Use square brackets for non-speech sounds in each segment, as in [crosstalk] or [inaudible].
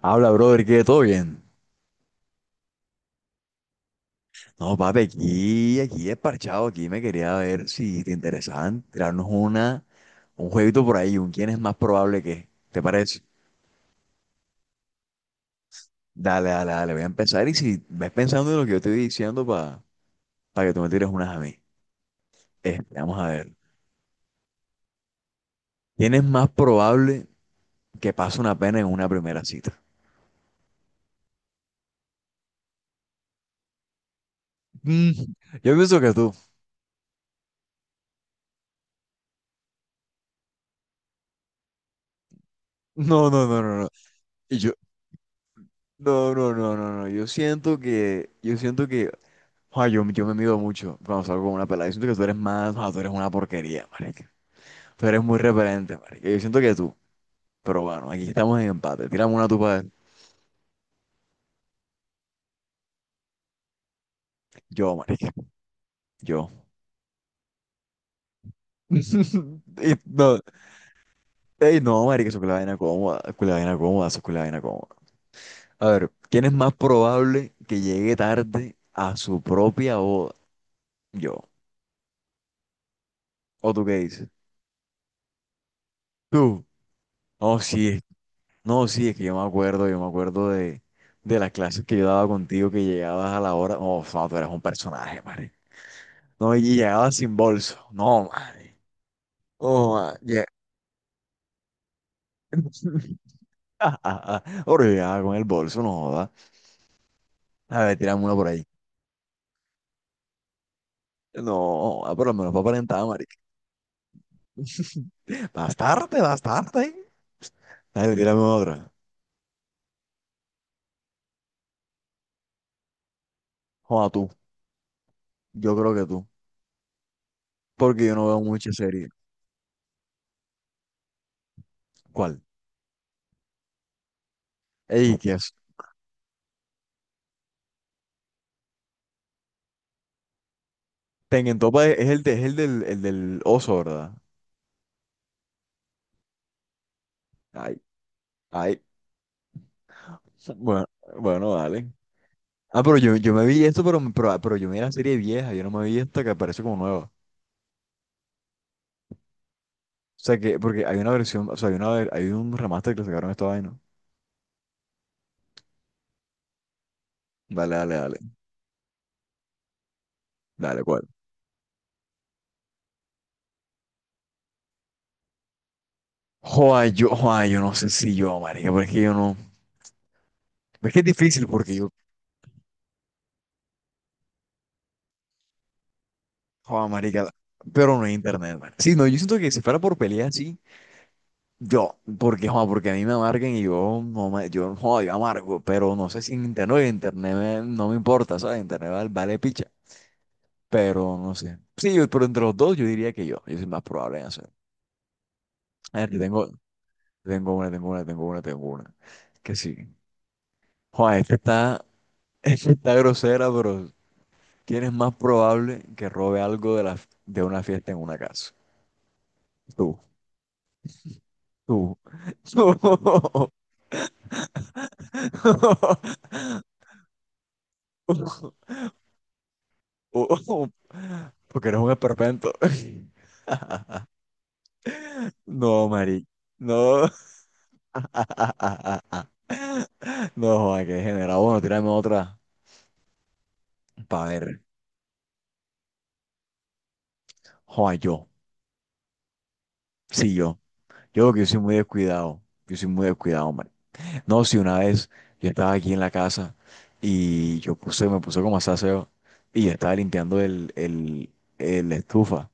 Habla, brother, que todo bien. No, papi, aquí es parchado, aquí me quería ver si te interesaban tirarnos un jueguito por ahí, un quién es más probable que, ¿te parece? Dale, dale, dale, voy a empezar y si ves pensando en lo que yo estoy diciendo para que tú me tires unas a mí. Este, vamos a ver. ¿Quién es más probable que pase una pena en una primera cita? Mm, yo pienso que tú. No, no, no, no, no. Y yo, no, no, no, no, no. Yo siento que, yo siento que, joder, yo me mido mucho cuando salgo con una pelada. Yo siento que tú eres más, joder, tú eres una porquería, marica. Tú eres muy referente, marica. Yo siento que tú. Pero bueno, aquí estamos en empate. Tírame una tupa de... Yo, marica. Yo. [laughs] Y no, ey, no, marica, eso es la vaina cómoda. Eso es la vaina cómoda, eso es la vaina cómoda. A ver, ¿quién es más probable que llegue tarde a su propia boda? Yo. ¿O tú qué dices? Tú. Oh, sí. No, sí, es que yo me acuerdo de las clases que yo daba contigo, que llegabas a la hora. Oh, no, tú eras un personaje, madre. No, y llegabas sin bolso. No, madre. Oh, madre. [laughs] Ahora llegaba con el bolso, no joda. A ver, tirame uno por ahí. No, ah, por lo menos para aparentar, marica. [laughs] Bastarte, bastarte. A ver, tírame otra. Joda, tú. Yo creo que tú. Porque yo no veo mucha serie. ¿Cuál? Ey, ¿qué es? Tengen Topa es el, es el del oso, ¿verdad? Ay, ay. Bueno, bueno, vale. Ah, pero yo me vi esto, pero yo me vi la serie vieja, yo no me vi esta que aparece como nueva. O sea que, porque hay una versión, o sea, hay un remaster que le sacaron a esta vaina. Dale, dale, dale. Dale, ¿cuál? Joder, yo no sé si yo, marica, porque yo no. Es que es difícil porque yo, joder, marica, pero no hay internet, man. Sí, no, yo siento que si fuera por pelea, sí. Yo, porque, joder, porque a mí me amarguen y yo, no me, yo, joder, yo amargo, pero no sé si en internet, en internet no me importa, ¿sabes? Internet vale, vale picha. Pero no sé. Sí, pero entre los dos yo diría que yo. Yo soy más probable en hacer. A ver, yo tengo, tengo una. Que sí. Juan, esta está, [laughs] esta está grosera, pero ¿quién es más probable que robe algo de, de una fiesta en una casa? Tú, tú. [laughs] tú [laughs] Porque eres un esperpento. [laughs] No, Mari. No. [laughs] No, joda, que degenerado. Bueno, tírame otra para ver. Joda, yo. Sí, yo. Yo creo que yo soy muy descuidado. Yo soy muy descuidado, hombre. No, si una vez yo estaba aquí en la casa y me puse como a hacer aseo y yo estaba limpiando el estufa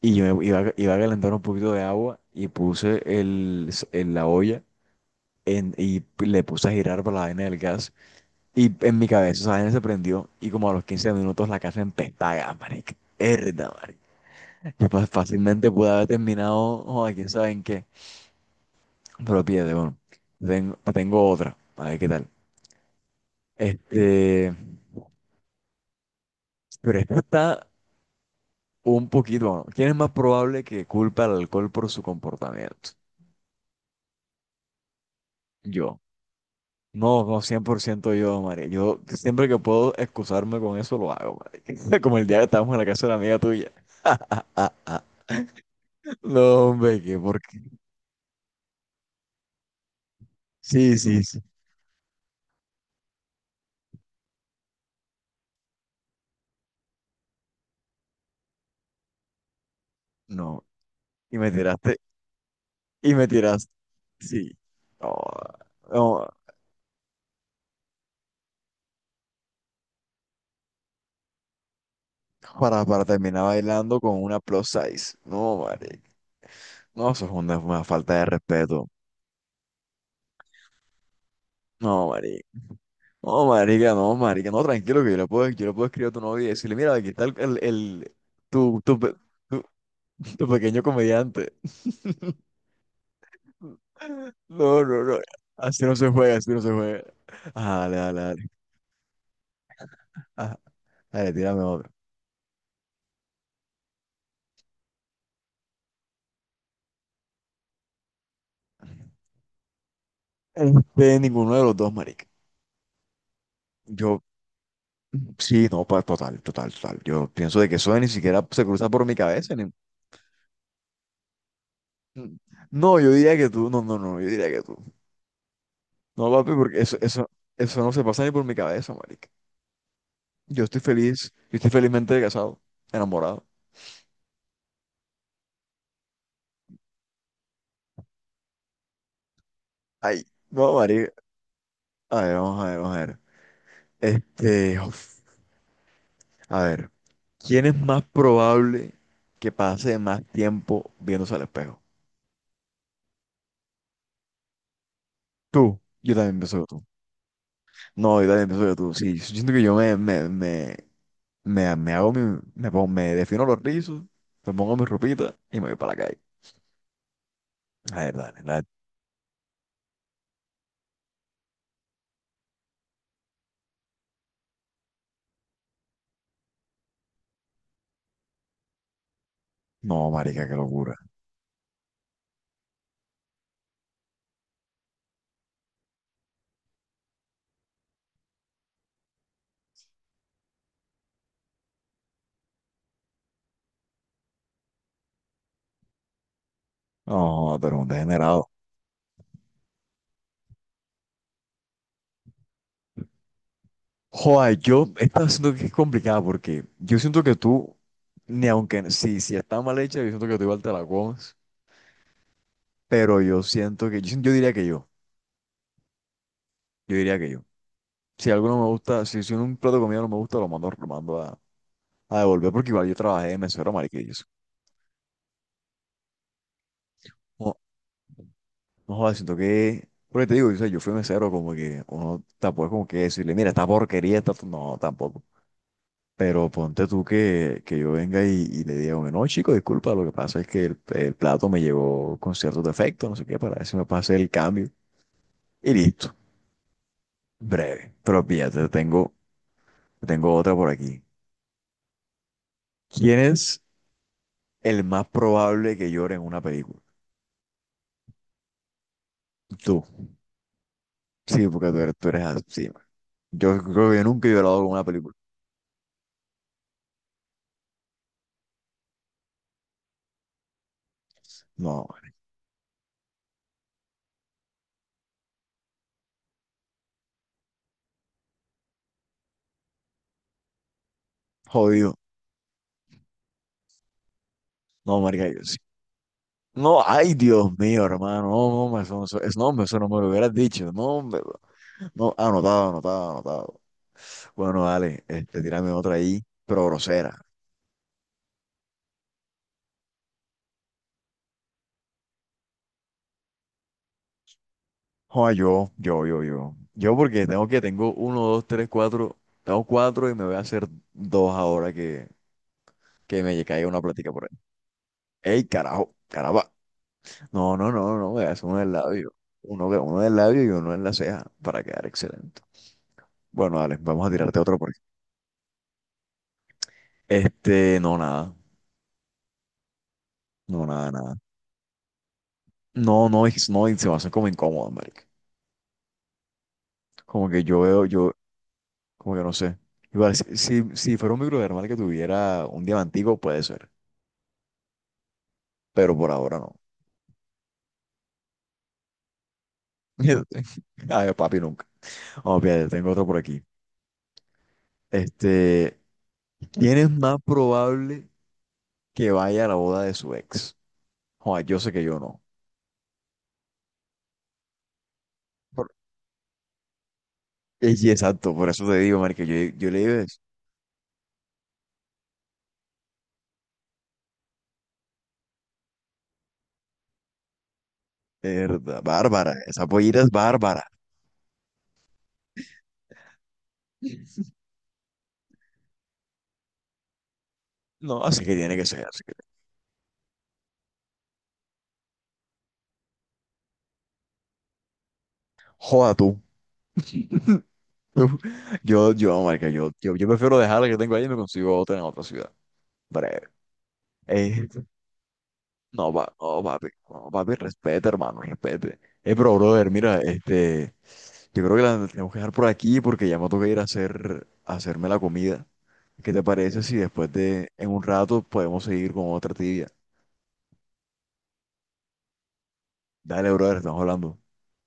y yo iba a calentar un poquito de agua y puse la olla y le puse a girar para la vaina del gas. Y en mi cabeza esa vaina se prendió y como a los 15 minutos la casa empezaba, marica. Herda, marica. Yo fácilmente pude haber terminado, joder, quién sabe en qué. Pero pídate, bueno. Tengo otra, a ver qué tal. Este, pero esta está un poquito, bueno, ¿quién es más probable que culpe al alcohol por su comportamiento? Yo. No, no, 100% yo, María. Yo siempre que puedo excusarme con eso lo hago, marica. [laughs] Como el día que estábamos en la casa de la amiga tuya. [laughs] No, hombre, que por Sí, sí, sí. No. Y me tiraste, y me tiraste. Sí. No, no, para terminar bailando con una plus size. No, marica. No, eso es una falta de respeto. No, marica. No, marica, no, marica. No, tranquilo, que yo le puedo escribir a tu novia y decirle, mira, aquí está tu, tu, pe- tu, tu pequeño comediante. [laughs] No, no, no. Así no se juega, así no se juega. Ah, dale, dale, dale. Ah, dale, tírame otro. Este, ninguno de los dos, marica. Yo, sí, no, total, total, total. Yo pienso de que eso ni siquiera se cruza por mi cabeza. No, yo diría que tú, no, no, no, yo diría que tú. No, papi, porque eso no se pasa ni por mi cabeza, marica. Yo estoy feliz, yo estoy felizmente casado, enamorado. Ay, no, marica. A ver, vamos a ver. Este, uf, a ver, ¿quién es más probable que pase más tiempo viéndose al espejo? Tú. Yo también pienso que tú. No, yo también pienso que tú. Sí, yo siento que yo me hago mi, me defino los rizos, me pongo mi ropita y me voy para la calle. La verdad, la verdad. No, marica, qué locura. No, pero un degenerado. Joder, yo, esta siento que es complicada porque yo siento que tú, ni aunque, si está mal hecha, yo siento que tú igual te la comes, pero yo siento que, yo diría que yo diría que yo. Si algo no me gusta, si un plato de comida no me gusta, lo mando a devolver porque igual yo trabajé de mesero, marica, y eso. No jodas, siento que, porque te digo, o sea, yo fui mesero, como que uno tampoco es como que decirle, mira, esta porquería, esta, no, tampoco. Pero ponte tú que yo venga y le diga, bueno, no, chico, disculpa, lo que pasa es que el plato me llegó con cierto defecto, no sé qué, para ver si me pase el cambio. Y listo, breve. Pero fíjate, tengo otra por aquí. ¿Quién es el más probable que llore en una película? Tú. Sí, porque tú eres así, man. Yo creo que yo nunca he llorado con una película. No, man, jodido. No, marica, yo sí. No, ay, Dios mío, hermano. No, no, no, eso no me lo hubieras dicho. No, hombre, bro. No, anotado, anotado, anotado. Bueno, dale, este, tírame otra ahí, pero grosera. Joder, yo, yo, yo, yo. Yo porque tengo uno, dos, tres, cuatro. Tengo cuatro y me voy a hacer dos ahora que me caiga una plática por ahí. Ey, carajo, caramba. No, no, no, no, me voy a hacer uno del labio. Uno del labio y uno en la ceja para quedar excelente. Bueno, dale, vamos a tirarte otro por aquí. Este, no, nada. No, nada, nada. No, no, no, y se va a hace como incómodo, marica. Como que yo veo, como que no sé. Igual, si fuera un microdermal que tuviera un diamantico, puede ser. Pero por ahora no. [laughs] Ay, papi, nunca. Vamos, fíjate, tengo otro por aquí. Este, ¿quién es más probable que vaya a la boda de su ex? Joder, yo sé que yo no. Por- sí, exacto, por eso te digo, marica, yo le digo, es verdad, Bárbara, esa pollita es bárbara. [laughs] No, así que tiene que ser, así que... Joda tú. [laughs] Yo, marica, yo prefiero dejar la que tengo ahí y me consigo otra en otra ciudad. Breve. Eh, no, va, no, papi, no, papi, respete, hermano, respete. Pero, brother, mira, este, yo creo que la tengo que dejar por aquí porque ya me toca ir a hacerme la comida. ¿Qué te parece si en un rato, podemos seguir con otra tibia? Dale, brother, estamos hablando.